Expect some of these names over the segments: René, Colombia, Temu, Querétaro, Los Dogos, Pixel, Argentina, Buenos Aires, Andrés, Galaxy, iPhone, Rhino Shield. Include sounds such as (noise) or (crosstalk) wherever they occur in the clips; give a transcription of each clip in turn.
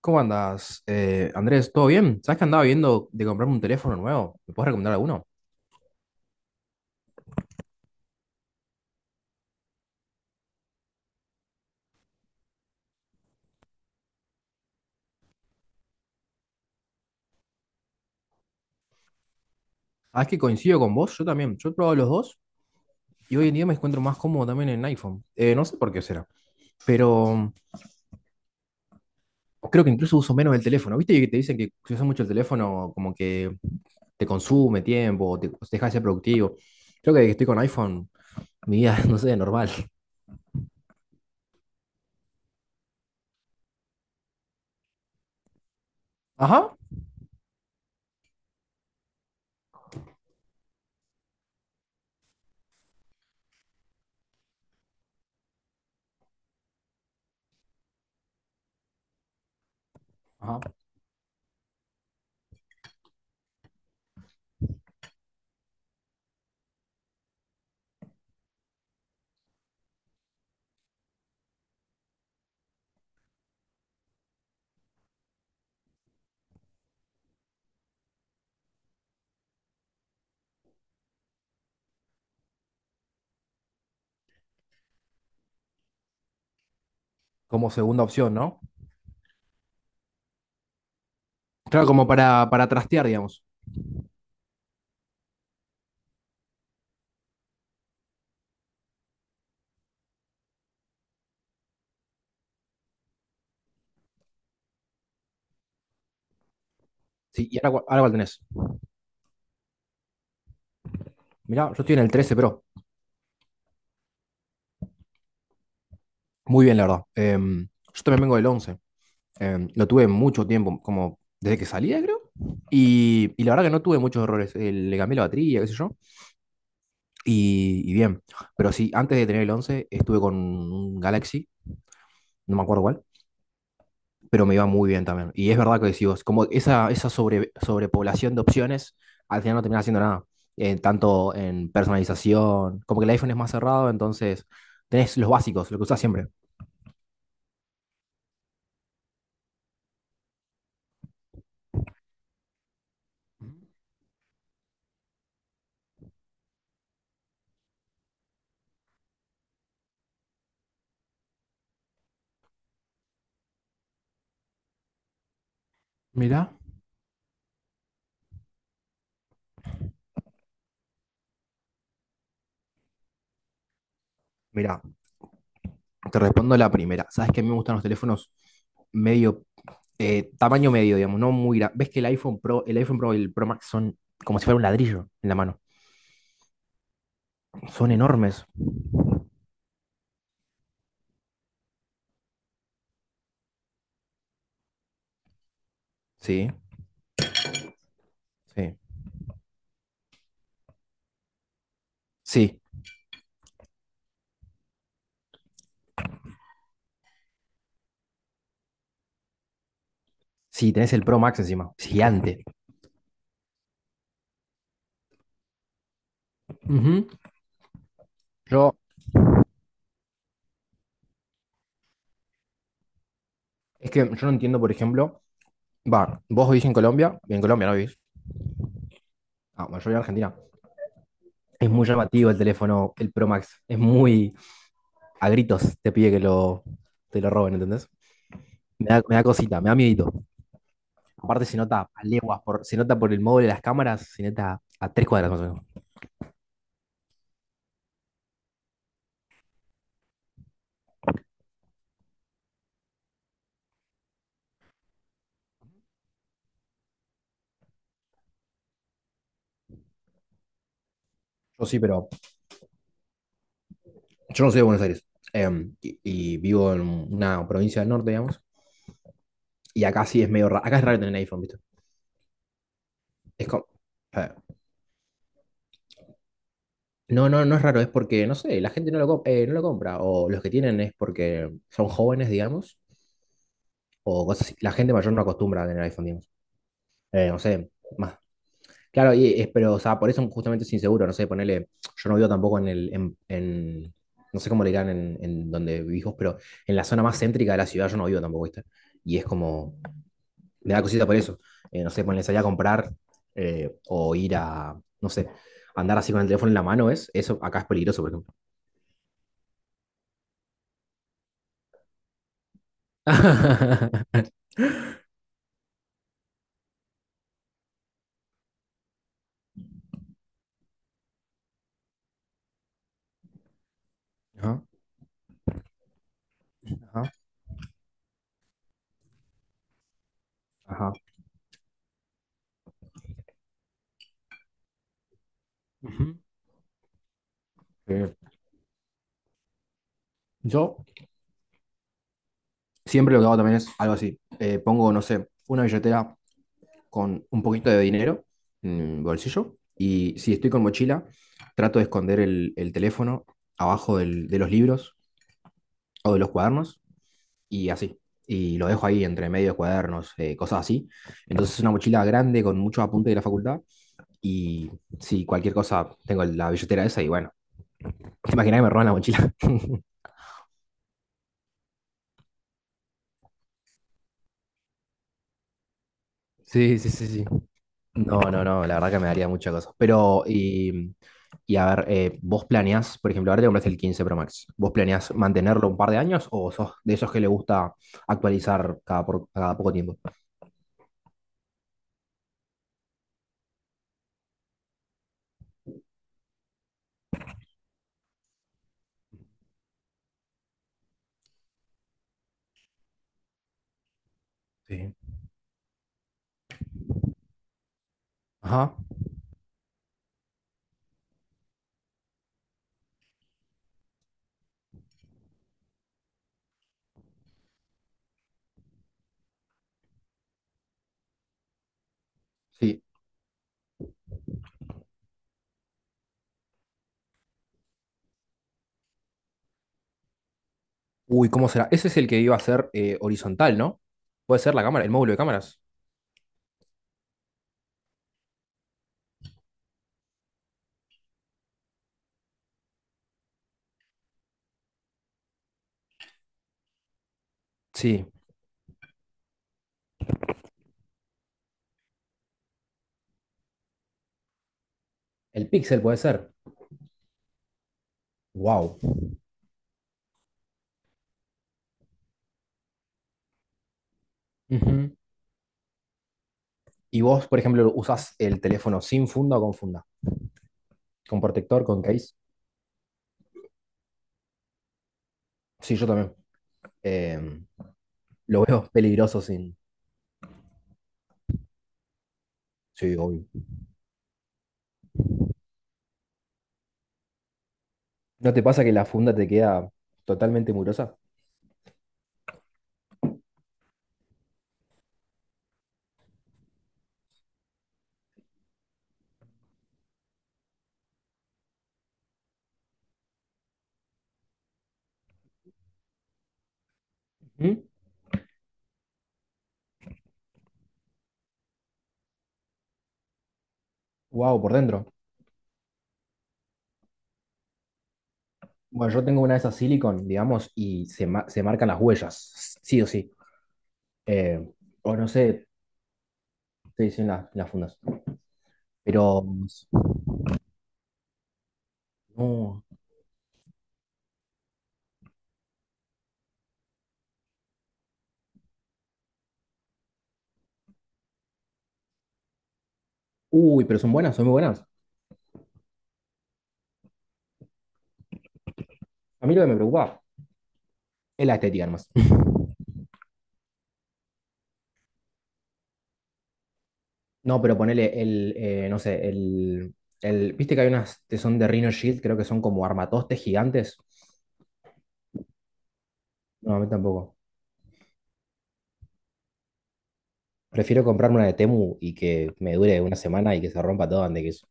¿Cómo andas, Andrés? ¿Todo bien? ¿Sabes que andaba viendo de comprarme un teléfono nuevo? ¿Me puedes recomendar alguno? Ah, es que coincido con vos. Yo también. Yo he probado los dos y hoy en día me encuentro más cómodo también en iPhone. No sé por qué será, pero creo que incluso uso menos el teléfono. ¿Viste que te dicen que si usas mucho el teléfono, como que te consume tiempo, o te deja de ser productivo? Creo que desde que estoy con iPhone, mi vida, (laughs) no sé, normal. Ajá. Ajá. Como segunda opción, ¿no? Claro, como para trastear, digamos. Sí, y ahora cuál tenés. Mirá, yo estoy en el 13 Pro. Muy bien, la verdad. Yo también vengo del 11. Lo tuve mucho tiempo, como desde que salía, creo. Y la verdad que no tuve muchos errores. Le cambié la batería, qué sé yo. Y bien. Pero sí, antes de tener el 11 estuve con un Galaxy, no me acuerdo cuál, pero me iba muy bien también. Y es verdad que decís vos, como esa sobrepoblación de opciones, al final no terminás haciendo nada. Tanto en personalización, como que el iPhone es más cerrado, entonces tenés los básicos, lo que usás siempre. Mira, Mirá, te respondo la primera. Sabes que a mí me gustan los teléfonos medio, tamaño medio, digamos, no muy grande. Ves que el iPhone Pro y el Pro Max son como si fuera un ladrillo en la mano. Son enormes. Sí, sí. Sí, sí, tenés el Pro Max encima. Gigante. Ujú. Yo, es que yo no entiendo, por ejemplo, va, vos vivís en Colombia no vivís. Ah, bueno, yo vivo en Argentina. Es muy llamativo el teléfono, el Pro Max. Es muy a gritos te pide que lo, te lo roben, ¿entendés? Me da cosita, me da miedito. Aparte se nota a leguas, se nota por el móvil de las cámaras, se nota a tres cuadras más o menos. Yo sí, pero yo no soy de Buenos Aires. Y vivo en una provincia del norte, digamos. Y acá sí es medio raro. Acá es raro tener iPhone, ¿viste? Es como. eh, No, no, no es raro, es porque, no sé, la gente no lo compra. O los que tienen es porque son jóvenes, digamos. O cosas así. La gente mayor no acostumbra a tener iPhone, digamos. No sé, más. Claro, pero, o sea, por eso justamente es inseguro, no sé, ponele, yo no vivo tampoco en el, en- no sé cómo le dirán en donde vivís vos, pero en la zona más céntrica de la ciudad yo no vivo tampoco, ¿viste? Y es como, me da cosita por eso. No sé, ponele salir a comprar o ir a, no sé, andar así con el teléfono en la mano, ¿es? Eso acá es peligroso, por ejemplo. (laughs) Ajá, ajá. Ajá. Ujú. Eh, yo siempre lo que hago también es algo así. Pongo, no sé, una billetera con un poquito de dinero en el bolsillo y si estoy con mochila, trato de esconder el teléfono abajo de los libros o de los cuadernos y así. Y lo dejo ahí entre medio de cuadernos, cosas así. Entonces es una mochila grande con muchos apuntes de la facultad y si cualquier cosa tengo la billetera esa y bueno, (laughs) imagina que me roban la mochila. Sí, sí, sí, sí. No, no, no, la verdad que me daría mucha cosa. Pero, y a ver, vos planeás, por ejemplo, ahora te compraste el 15, Pro Max. ¿Vos planeás mantenerlo un par de años o sos de esos que le gusta actualizar cada poco tiempo? Sí. Ajá, sí. Uy, ¿cómo será? Ese es el que iba a ser horizontal, ¿no? Puede ser la cámara, el módulo de cámaras. Sí. El Pixel puede ser. Wow. Ujú. ¿Y vos, por ejemplo, usás el teléfono sin funda o con funda? ¿Con protector, con case? Sí, yo también. Em, lo veo peligroso sin. Sí, obvio. ¿No te pasa que la funda te queda totalmente murosa? Wow, por dentro. Bueno, yo tengo una de esas silicon, digamos, y se marcan las huellas, sí o sí. Eh, o no sé, te dicen las fundas. Pero, no. Uy, pero son buenas, son muy buenas. A mí lo que me preocupa es la estética nomás. (laughs) No, pero ponele el, no sé, el, viste que hay unas que son de Rhino Shield, creo que son como armatostes gigantes. No, a mí tampoco. Prefiero comprarme una de Temu y que me dure una semana y que se rompa todo antes que eso.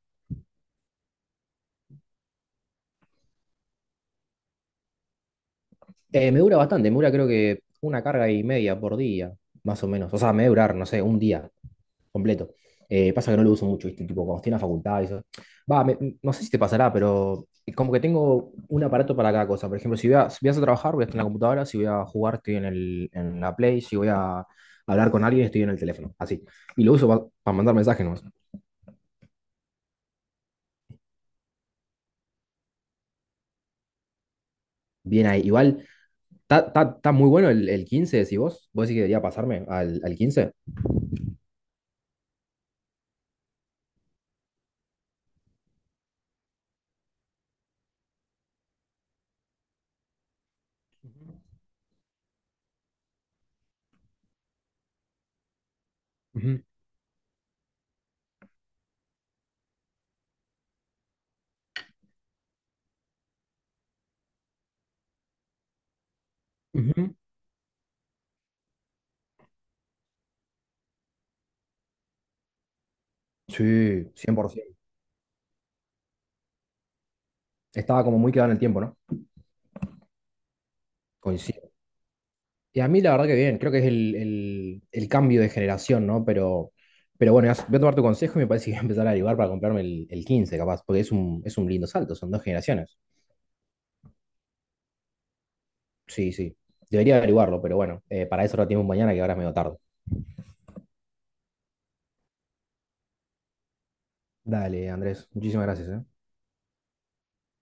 Me dura bastante, me dura creo que una carga y media por día, más o menos. O sea, me debe durar, no sé, un día completo. Pasa que no lo uso mucho, ¿viste? Tipo, cuando estoy en la facultad y eso. Va, no sé si te pasará, pero como que tengo un aparato para cada cosa. Por ejemplo, si voy a hacer trabajar, voy a estar en la computadora. Si voy a jugar, estoy en la Play. Si voy a hablar con alguien, estoy en el teléfono. Así. Y lo uso para mandar mensajes nomás. Bien ahí. Igual está muy bueno el 15, decís vos. ¿Vos decís que debería pasarme al 15? Ujú, ujú. Sí, 100%. Estaba como muy quedado en el tiempo, ¿no? Coincido. Y a mí la verdad que bien, creo que es el cambio de generación, ¿no? Pero bueno, voy a tomar tu consejo y me parece que voy a empezar a averiguar para comprarme el 15 capaz, porque es un lindo salto, son dos generaciones. Sí, sí. Debería averiguarlo, pero bueno, para eso lo tenemos mañana que ahora es medio tarde. Dale, Andrés, muchísimas gracias, ¿eh?